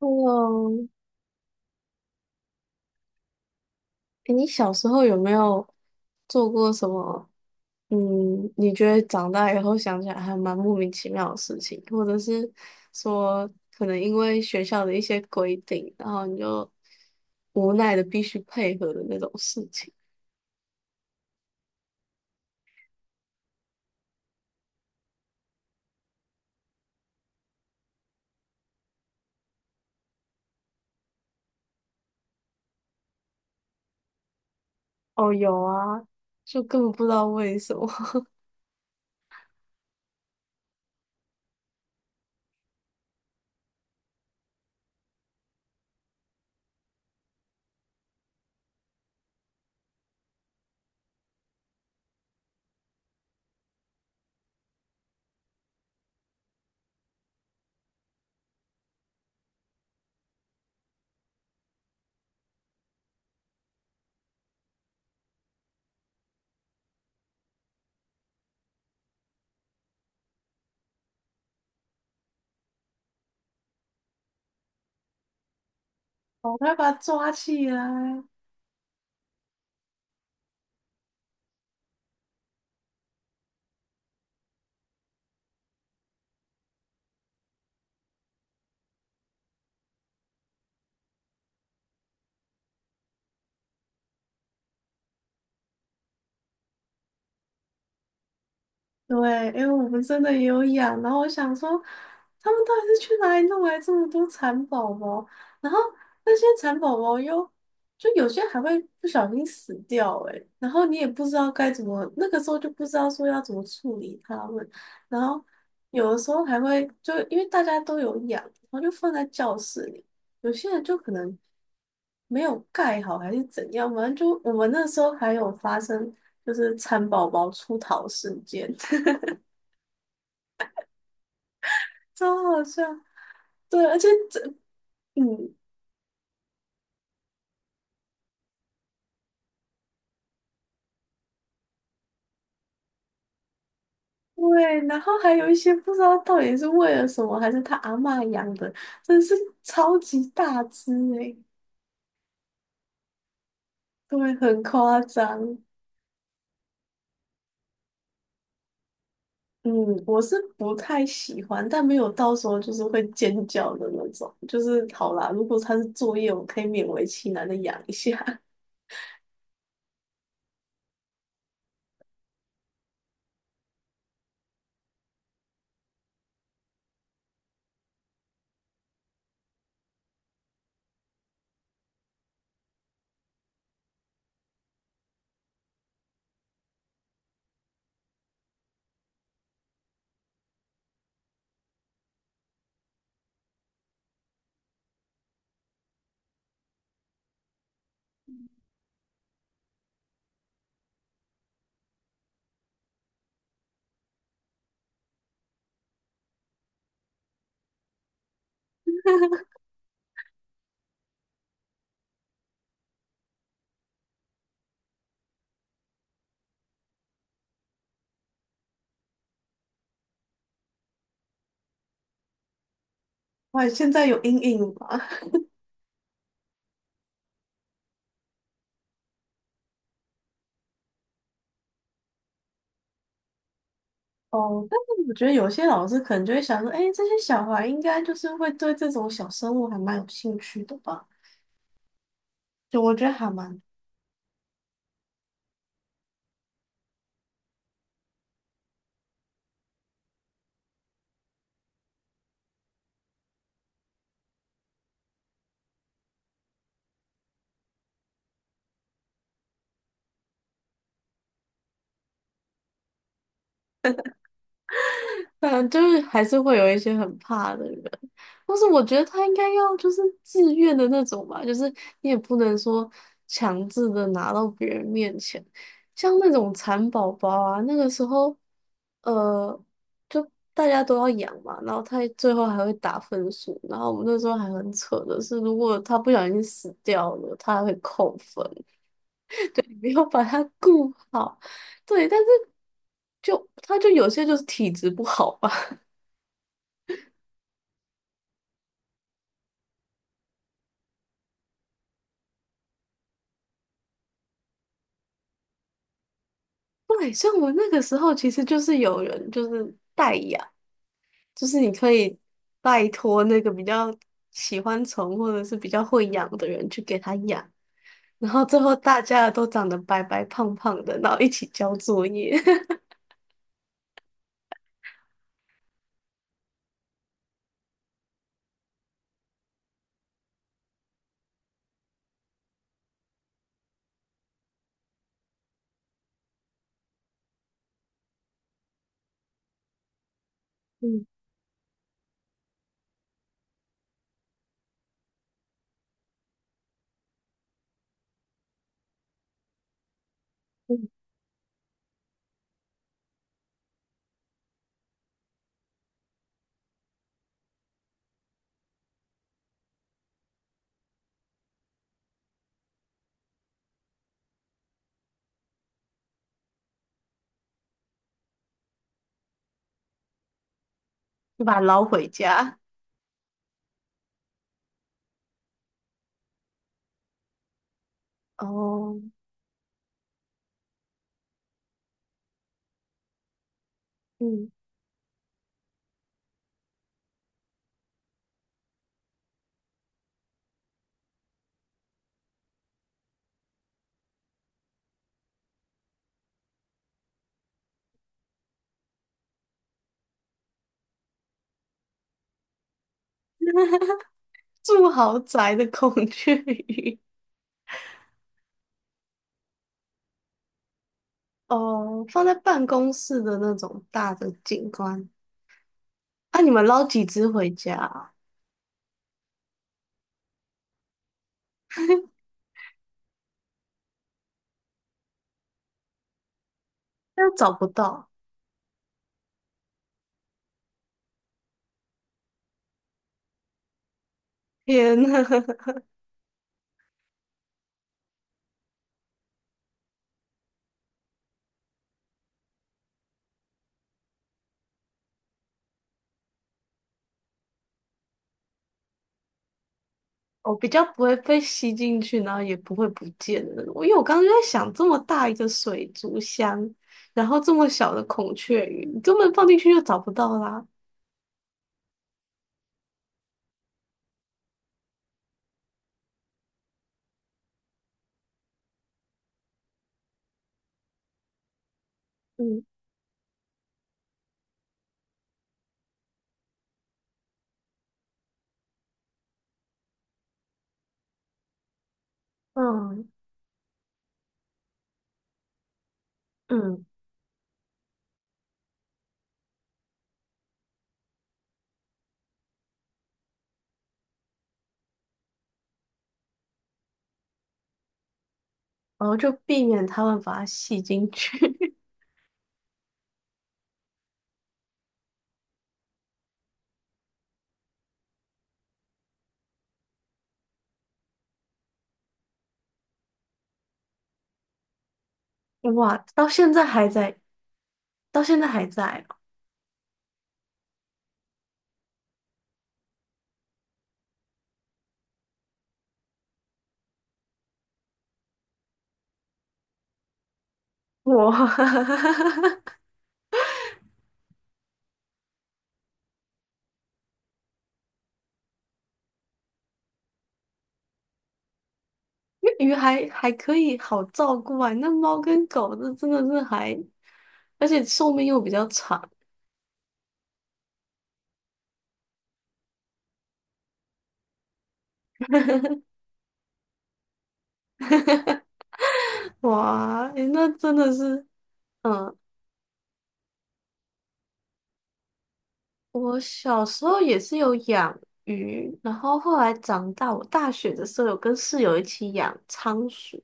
嗯，诶你小时候有没有做过什么？嗯，你觉得长大以后想起来还蛮莫名其妙的事情，或者是说可能因为学校的一些规定，然后你就无奈的必须配合的那种事情？哦，有啊，就根本不知道为什么。我快把他抓起来！对，因为我们真的也有养，然后我想说，他们到底是去哪里弄来这么多蚕宝宝？然后那些蚕宝宝又，就有些还会不小心死掉、欸，诶，然后你也不知道该怎么，那个时候就不知道说要怎么处理它们，然后有的时候还会就因为大家都有养，然后就放在教室里，有些人就可能没有盖好还是怎样，反正就我们那时候还有发生就是蚕宝宝出逃事件。超好笑。对，而且这，嗯，对，然后还有一些不知道到底是为了什么，还是他阿嬷养的，真是超级大只诶，对，很夸张。嗯，我是不太喜欢，但没有到时候就是会尖叫的那种。就是好啦，如果他是作业，我可以勉为其难的养一下。哇，现在有阴影吧？哦，但是我觉得有些老师可能就会想说，哎，这些小孩应该就是会对这种小生物还蛮有兴趣的吧？就我觉得还蛮反正就是还是会有一些很怕的人，但是我觉得他应该要就是自愿的那种吧，就是你也不能说强制的拿到别人面前，像那种蚕宝宝啊，那个时候，呃，就大家都要养嘛，然后他最后还会打分数，然后我们那时候还很扯的是，如果他不小心死掉了，他还会扣分，对，你没有把他顾好，对，但是就他就有些就是体质不好吧。对，像我那个时候其实就是有人就是代养，就是你可以拜托那个比较喜欢宠或者是比较会养的人去给他养，然后最后大家都长得白白胖胖的，然后一起交作业，嗯嗯，就把它捞回家。哦，嗯，住豪宅的孔雀鱼，哦，放在办公室的那种大的景观。啊，你们捞几只回家啊？又找不到，天呐！我比较不会被吸进去，然后也不会不见的那种。因为我刚刚就在想，这么大一个水族箱，然后这么小的孔雀鱼，你根本放进去就找不到啦。嗯嗯嗯，然后就避免它们把它吸进去。哇，到现在还在，到现在还在哦。哇，因为鱼还可以好照顾啊，那猫跟狗这真的是还，而且寿命又比较长。哇，诶那真的是。嗯，我小时候也是有养鱼，然后后来长大，我大学的时候有跟室友一起养仓鼠，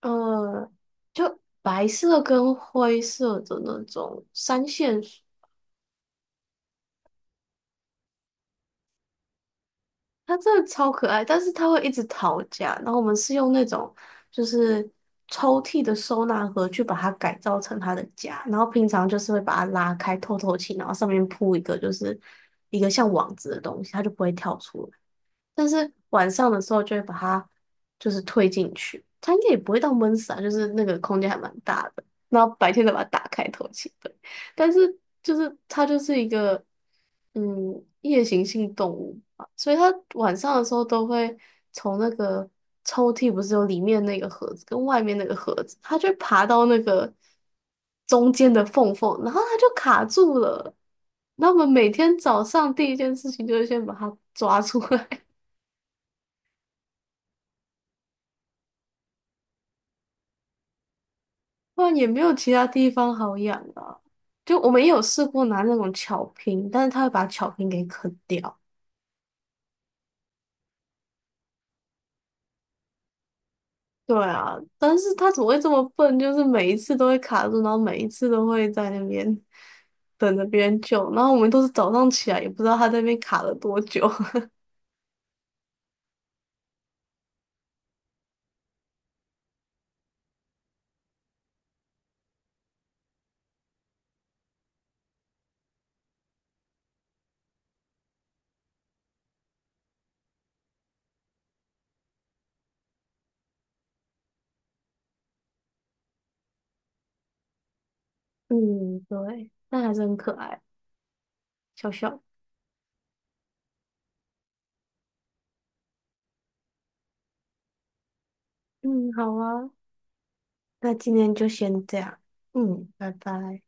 呃，就白色跟灰色的那种三线鼠，它真的超可爱，但是它会一直逃家。然后我们是用那种就是抽屉的收纳盒去把它改造成它的家，然后平常就是会把它拉开透透气，然后上面铺一个就是一个像网子的东西，它就不会跳出来。但是晚上的时候就会把它就是推进去，它应该也不会到闷死啊，就是那个空间还蛮大的。然后白天再把它打开透气，对。但是就是它就是一个夜行性动物嘛，所以它晚上的时候都会从那个抽屉不是有里面那个盒子跟外面那个盒子，它就会爬到那个中间的缝缝，然后它就卡住了。那我们每天早上第一件事情就是先把它抓出来。不然也没有其他地方好养啊。就我们也有试过拿那种巧拼，但是它会把巧拼给啃掉。对啊，但是它怎么会这么笨？就是每一次都会卡住，然后每一次都会在那边等着别人救，然后我们都是早上起来也不知道它在那边卡了多久。嗯，对，但还是很可爱，小小。嗯，好啊，那今天就先这样。嗯，拜拜。